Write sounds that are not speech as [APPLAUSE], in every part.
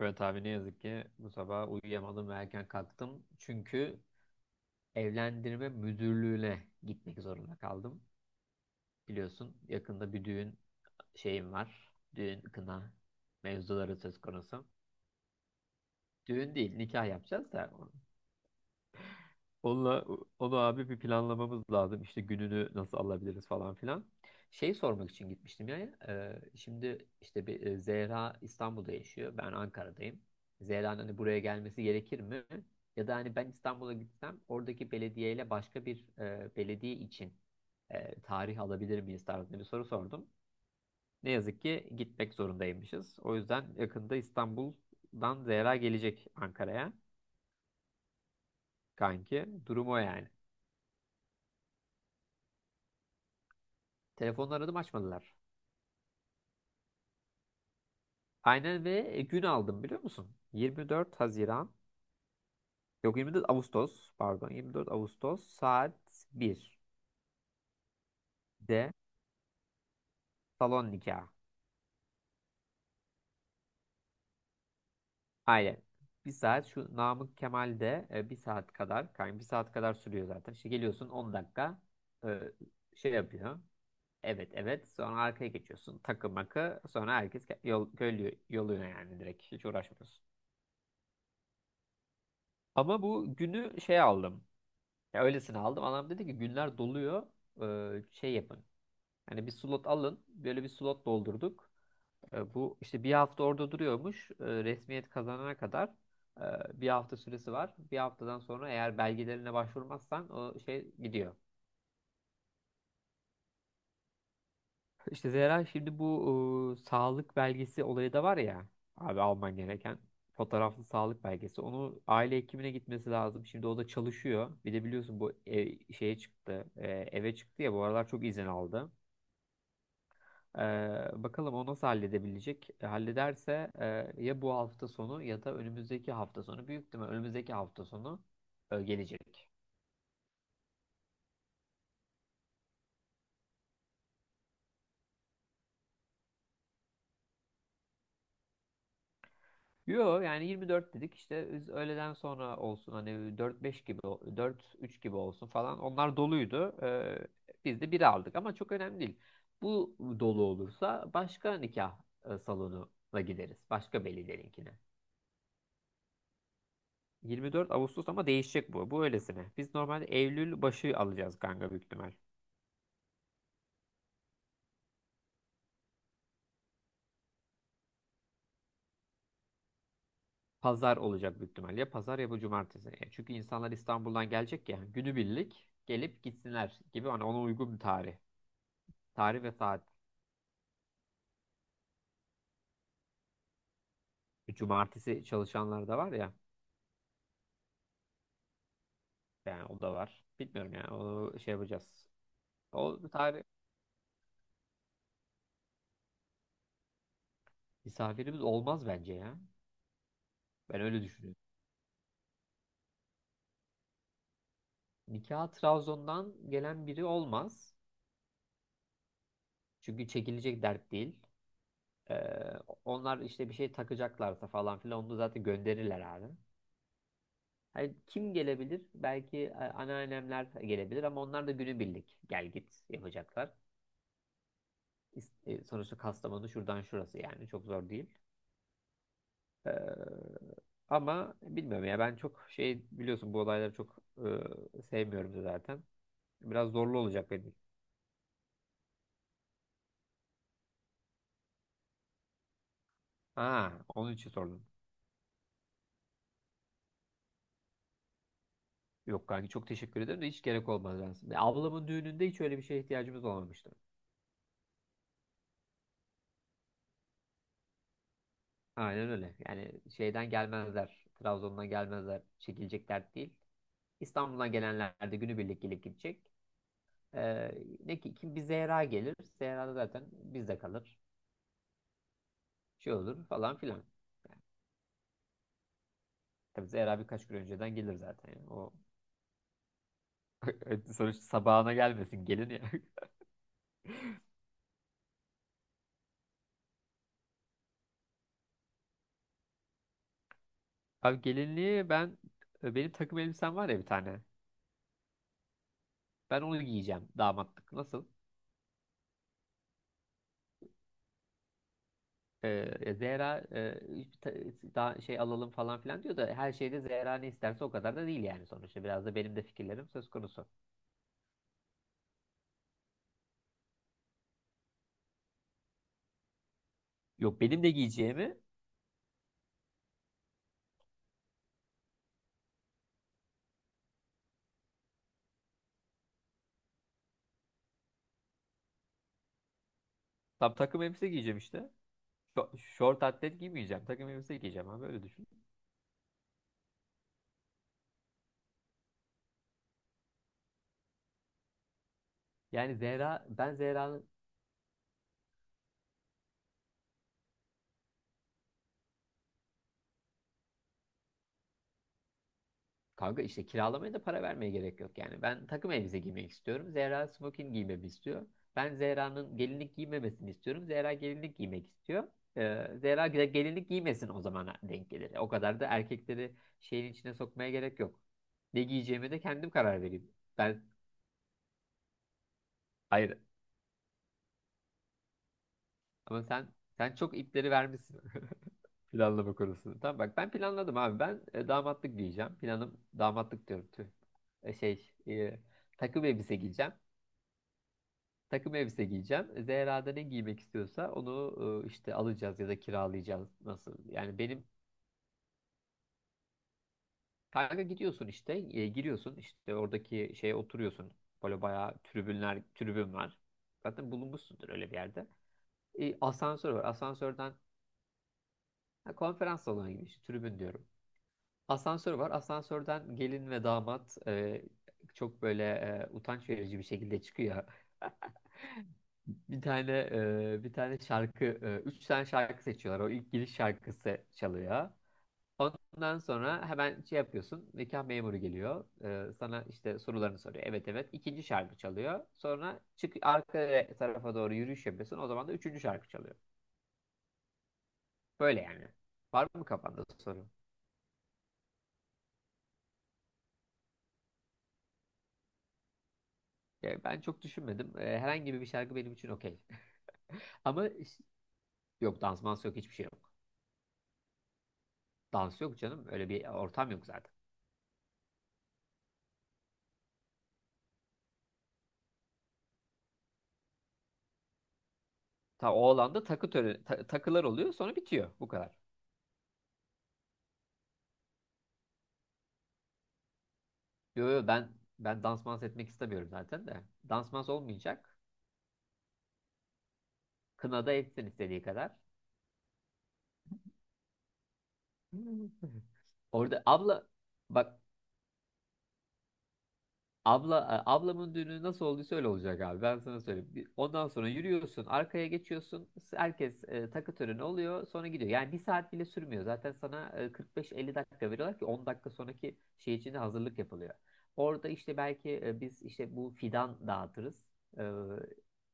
Evet abi ne yazık ki bu sabah uyuyamadım ve erken kalktım. Çünkü evlendirme müdürlüğüne gitmek zorunda kaldım. Biliyorsun yakında bir düğün şeyim var. Düğün kına mevzuları söz konusu. Düğün değil nikah yapacağız da Onunla, onu abi bir planlamamız lazım. İşte gününü nasıl alabiliriz falan filan. Şey sormak için gitmiştim ya. Şimdi işte bir Zehra İstanbul'da yaşıyor. Ben Ankara'dayım. Zehra'nın hani buraya gelmesi gerekir mi? Ya da hani ben İstanbul'a gitsem oradaki belediyeyle başka bir belediye için tarih alabilir miyiz tarzında bir soru sordum. Ne yazık ki gitmek zorundaymışız. O yüzden yakında İstanbul'dan Zehra gelecek Ankara'ya kanki. Durum o yani. Telefonla aradım açmadılar. Aynen ve gün aldım biliyor musun? 24 Haziran, yok 24 Ağustos, pardon 24 Ağustos saat 1'de salon nikahı. Aynen. Bir saat şu Namık Kemal'de bir saat kadar, yani bir saat kadar sürüyor zaten. İşte geliyorsun 10 dakika e, şey yapıyor. Evet, evet, sonra arkaya geçiyorsun. Takı makı sonra herkes yol, köylü yoluna yani direkt hiç uğraşmıyorsun. Ama bu günü şey aldım. Ya öylesine aldım. Adam dedi ki günler doluyor. Şey yapın. Hani bir slot alın. Böyle bir slot doldurduk. Bu işte bir hafta orada duruyormuş. Resmiyet kazanana kadar bir hafta süresi var. Bir haftadan sonra eğer belgelerine başvurmazsan o şey gidiyor. İşte Zehra şimdi bu sağlık belgesi olayı da var ya abi alman gereken fotoğraflı sağlık belgesi. Onu aile hekimine gitmesi lazım. Şimdi o da çalışıyor. Bir de biliyorsun bu eve çıktı ya bu aralar çok izin aldı. Bakalım o nasıl halledebilecek? Hallederse ya bu hafta sonu ya da önümüzdeki hafta sonu. Büyük ihtimal önümüzdeki hafta sonu gelecek. Yo, yani 24 dedik işte biz öğleden sonra olsun hani 4-5 gibi 4-3 gibi olsun falan. Onlar doluydu. Biz de bir aldık ama çok önemli değil. Bu dolu olursa başka nikah salonuna gideriz. Başka velilerinkine. 24 Ağustos ama değişecek bu. Bu öylesine. Biz normalde Eylül başı alacağız kanka büyük ihtimal. Pazar olacak büyük ihtimalle. Ya Pazar ya bu cumartesi. Çünkü insanlar İstanbul'dan gelecek ya. Günübirlik gelip gitsinler gibi. Hani ona uygun bir tarih. Tarih ve saat. Cumartesi çalışanlar da var ya. Yani o da var. Bilmiyorum yani. Onu şey yapacağız. O tarih Misafirimiz olmaz bence ya. Ben öyle düşünüyorum. Nikah Trabzon'dan gelen biri olmaz. Çünkü çekilecek dert değil. Ee, Onlar işte bir şey takacaklarsa falan filan onu zaten gönderirler abi. Hani kim gelebilir? Belki anneannemler gelebilir ama onlar da günübirlik gel git yapacaklar. Sonuçta Kastamonu şuradan şurası yani çok zor değil. Ee, Ama bilmiyorum ya ben çok şey biliyorsun bu olayları çok sevmiyorum da zaten. Biraz zorlu olacak benim. Ha, onun için sordum. Yok kanki çok teşekkür ederim de hiç gerek olmaz aslında. Ablamın düğününde hiç öyle bir şeye ihtiyacımız olmamıştı. Aynen öyle. Yani şeyden gelmezler. Trabzon'dan gelmezler. Çekilecek dert değil. İstanbul'dan gelenler de günübirlik gelip gidecek. Ee, Ne ki kim bir Zehra gelir. Zehra da zaten bizde kalır. Şey olur falan filan. Yani, tabii Zehra birkaç gün önceden gelir zaten, yani. O [LAUGHS] sonuçta sabahına gelmesin gelin ya. [LAUGHS] Abi gelinliği ben benim takım elbisem var ya bir tane. Ben onu giyeceğim damatlık. Nasıl? Zehra hiç daha şey alalım falan filan diyor da her şeyde Zehra ne isterse o kadar da değil yani sonuçta. Biraz da benim de fikirlerim söz konusu. Yok benim de giyeceğimi. Tam takım elbise giyeceğim işte. Şort atlet giymeyeceğim. Takım elbise giyeceğim abi öyle düşün. Yani Zehra ben Zehra'nın. Kanka işte kiralamaya da para vermeye gerek yok yani. Ben takım elbise giymek istiyorum. Zehra smoking giymemi istiyor. Ben Zehra'nın gelinlik giymemesini istiyorum. Zehra gelinlik giymek istiyor. Zehra gelinlik giymesin o zaman denk gelir. O kadar da erkekleri şeyin içine sokmaya gerek yok. Ne giyeceğime de kendim karar vereyim. Ben, hayır, ama sen çok ipleri vermişsin. [LAUGHS] Planlama konusunda. Tamam bak ben planladım abi. Ben damatlık giyeceğim. Planım damatlık diyorum. Tüh. E, şey e, Takım elbise giyeceğim. Takım elbise giyeceğim. Zehra da ne giymek istiyorsa onu işte alacağız ya da kiralayacağız. Nasıl? Yani benim. Kanka gidiyorsun işte giriyorsun işte oradaki şeye oturuyorsun. Böyle bayağı tribünler tribün var. Zaten bulunmuşsundur öyle bir yerde. Asansör var. Asansörden. Ha, konferans salonuna gidiyorsun. Tribün diyorum. Asansör var. Asansörden gelin ve damat çok böyle utanç verici bir şekilde çıkıyor. Bir tane e, bir tane şarkı, e, Üç tane şarkı seçiyorlar. O ilk giriş şarkısı çalıyor. Ondan sonra hemen şey yapıyorsun. Nikah memuru geliyor. Sana işte sorularını soruyor. Evet, evet. İkinci şarkı çalıyor. Sonra çık arka tarafa doğru yürüyüş yapıyorsun. O zaman da üçüncü şarkı çalıyor. Böyle yani. Var mı kafanda soru? Ben çok düşünmedim. Herhangi bir şarkı benim için okey. Ama Yok dans mans yok, hiçbir şey yok. Dans yok canım. Öyle bir ortam yok zaten. Ta o alanda takı töreni, takılar oluyor sonra bitiyor. Bu kadar. Yo, yo, ben dans mans etmek istemiyorum zaten de. Dans mans olmayacak. Kınada etsin istediği kadar. [LAUGHS] Orada abla bak. Abla, ablamın düğünü nasıl olduysa öyle olacak abi. Ben sana söyleyeyim. Ondan sonra yürüyorsun, arkaya geçiyorsun. Herkes takı töreni oluyor, sonra gidiyor. Yani bir saat bile sürmüyor. Zaten sana 45-50 dakika veriyorlar ki 10 dakika sonraki şey için de hazırlık yapılıyor. Orada işte belki biz işte bu fidan dağıtırız. E,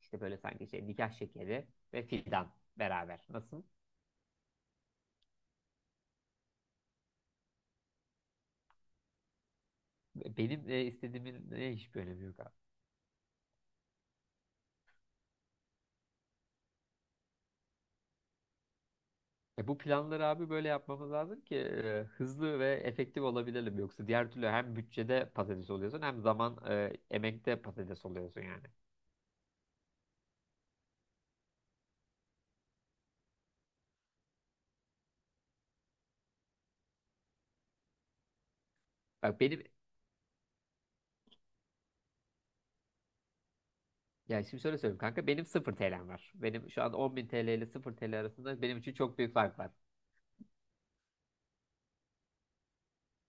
işte böyle sanki şey nikah şekeri ve fidan beraber. Nasıl? Benim istediğimin hiçbir önemi yok. Bu planları abi böyle yapmamız lazım ki hızlı ve efektif olabilelim. Yoksa diğer türlü hem bütçede patates oluyorsun hem zaman emekte patates oluyorsun yani. Bak benim. Yani şimdi şöyle söyleyeyim kanka benim 0 TL'm var. Benim şu an 10.000 TL ile 0 TL arasında benim için çok büyük fark var.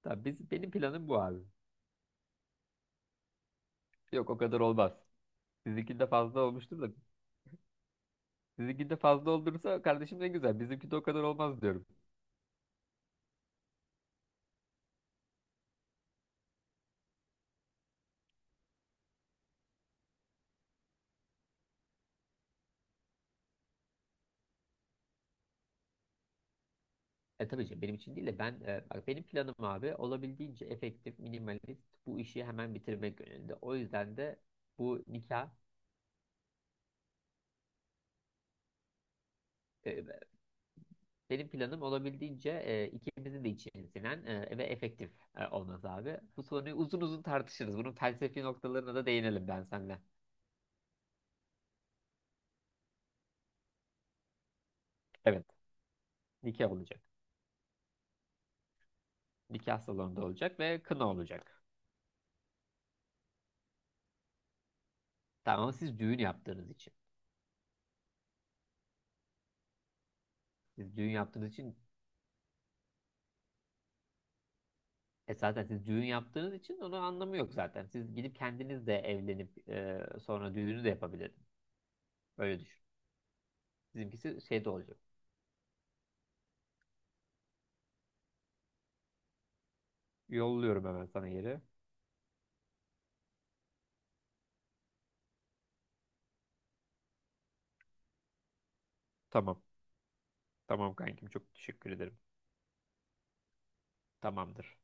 Tabii biz, benim planım bu abi. Yok o kadar olmaz. Sizinkinde fazla olmuştur da. Sizinkinde fazla olursa kardeşim ne güzel. Bizimkinde o kadar olmaz diyorum. Tabii ki benim için değil de ben bak benim planım abi olabildiğince efektif, minimalist bu işi hemen bitirmek yönünde. O yüzden de bu nikah e, benim planım olabildiğince ikimizin de içine sinen ve efektif olması abi. Bu soruyu uzun uzun tartışırız. Bunun felsefi noktalarına da değinelim ben seninle. Evet, nikah olacak. Nikah salonunda olacak ve kına olacak. Tamam ama siz düğün yaptığınız için. Siz düğün yaptığınız için. Zaten siz düğün yaptığınız için onun anlamı yok zaten. Siz gidip kendiniz de evlenip sonra düğünü de yapabilirdiniz. Öyle düşün. Bizimkisi şeyde olacak. Yolluyorum hemen sana yeri. Tamam. Tamam kankim çok teşekkür ederim. Tamamdır.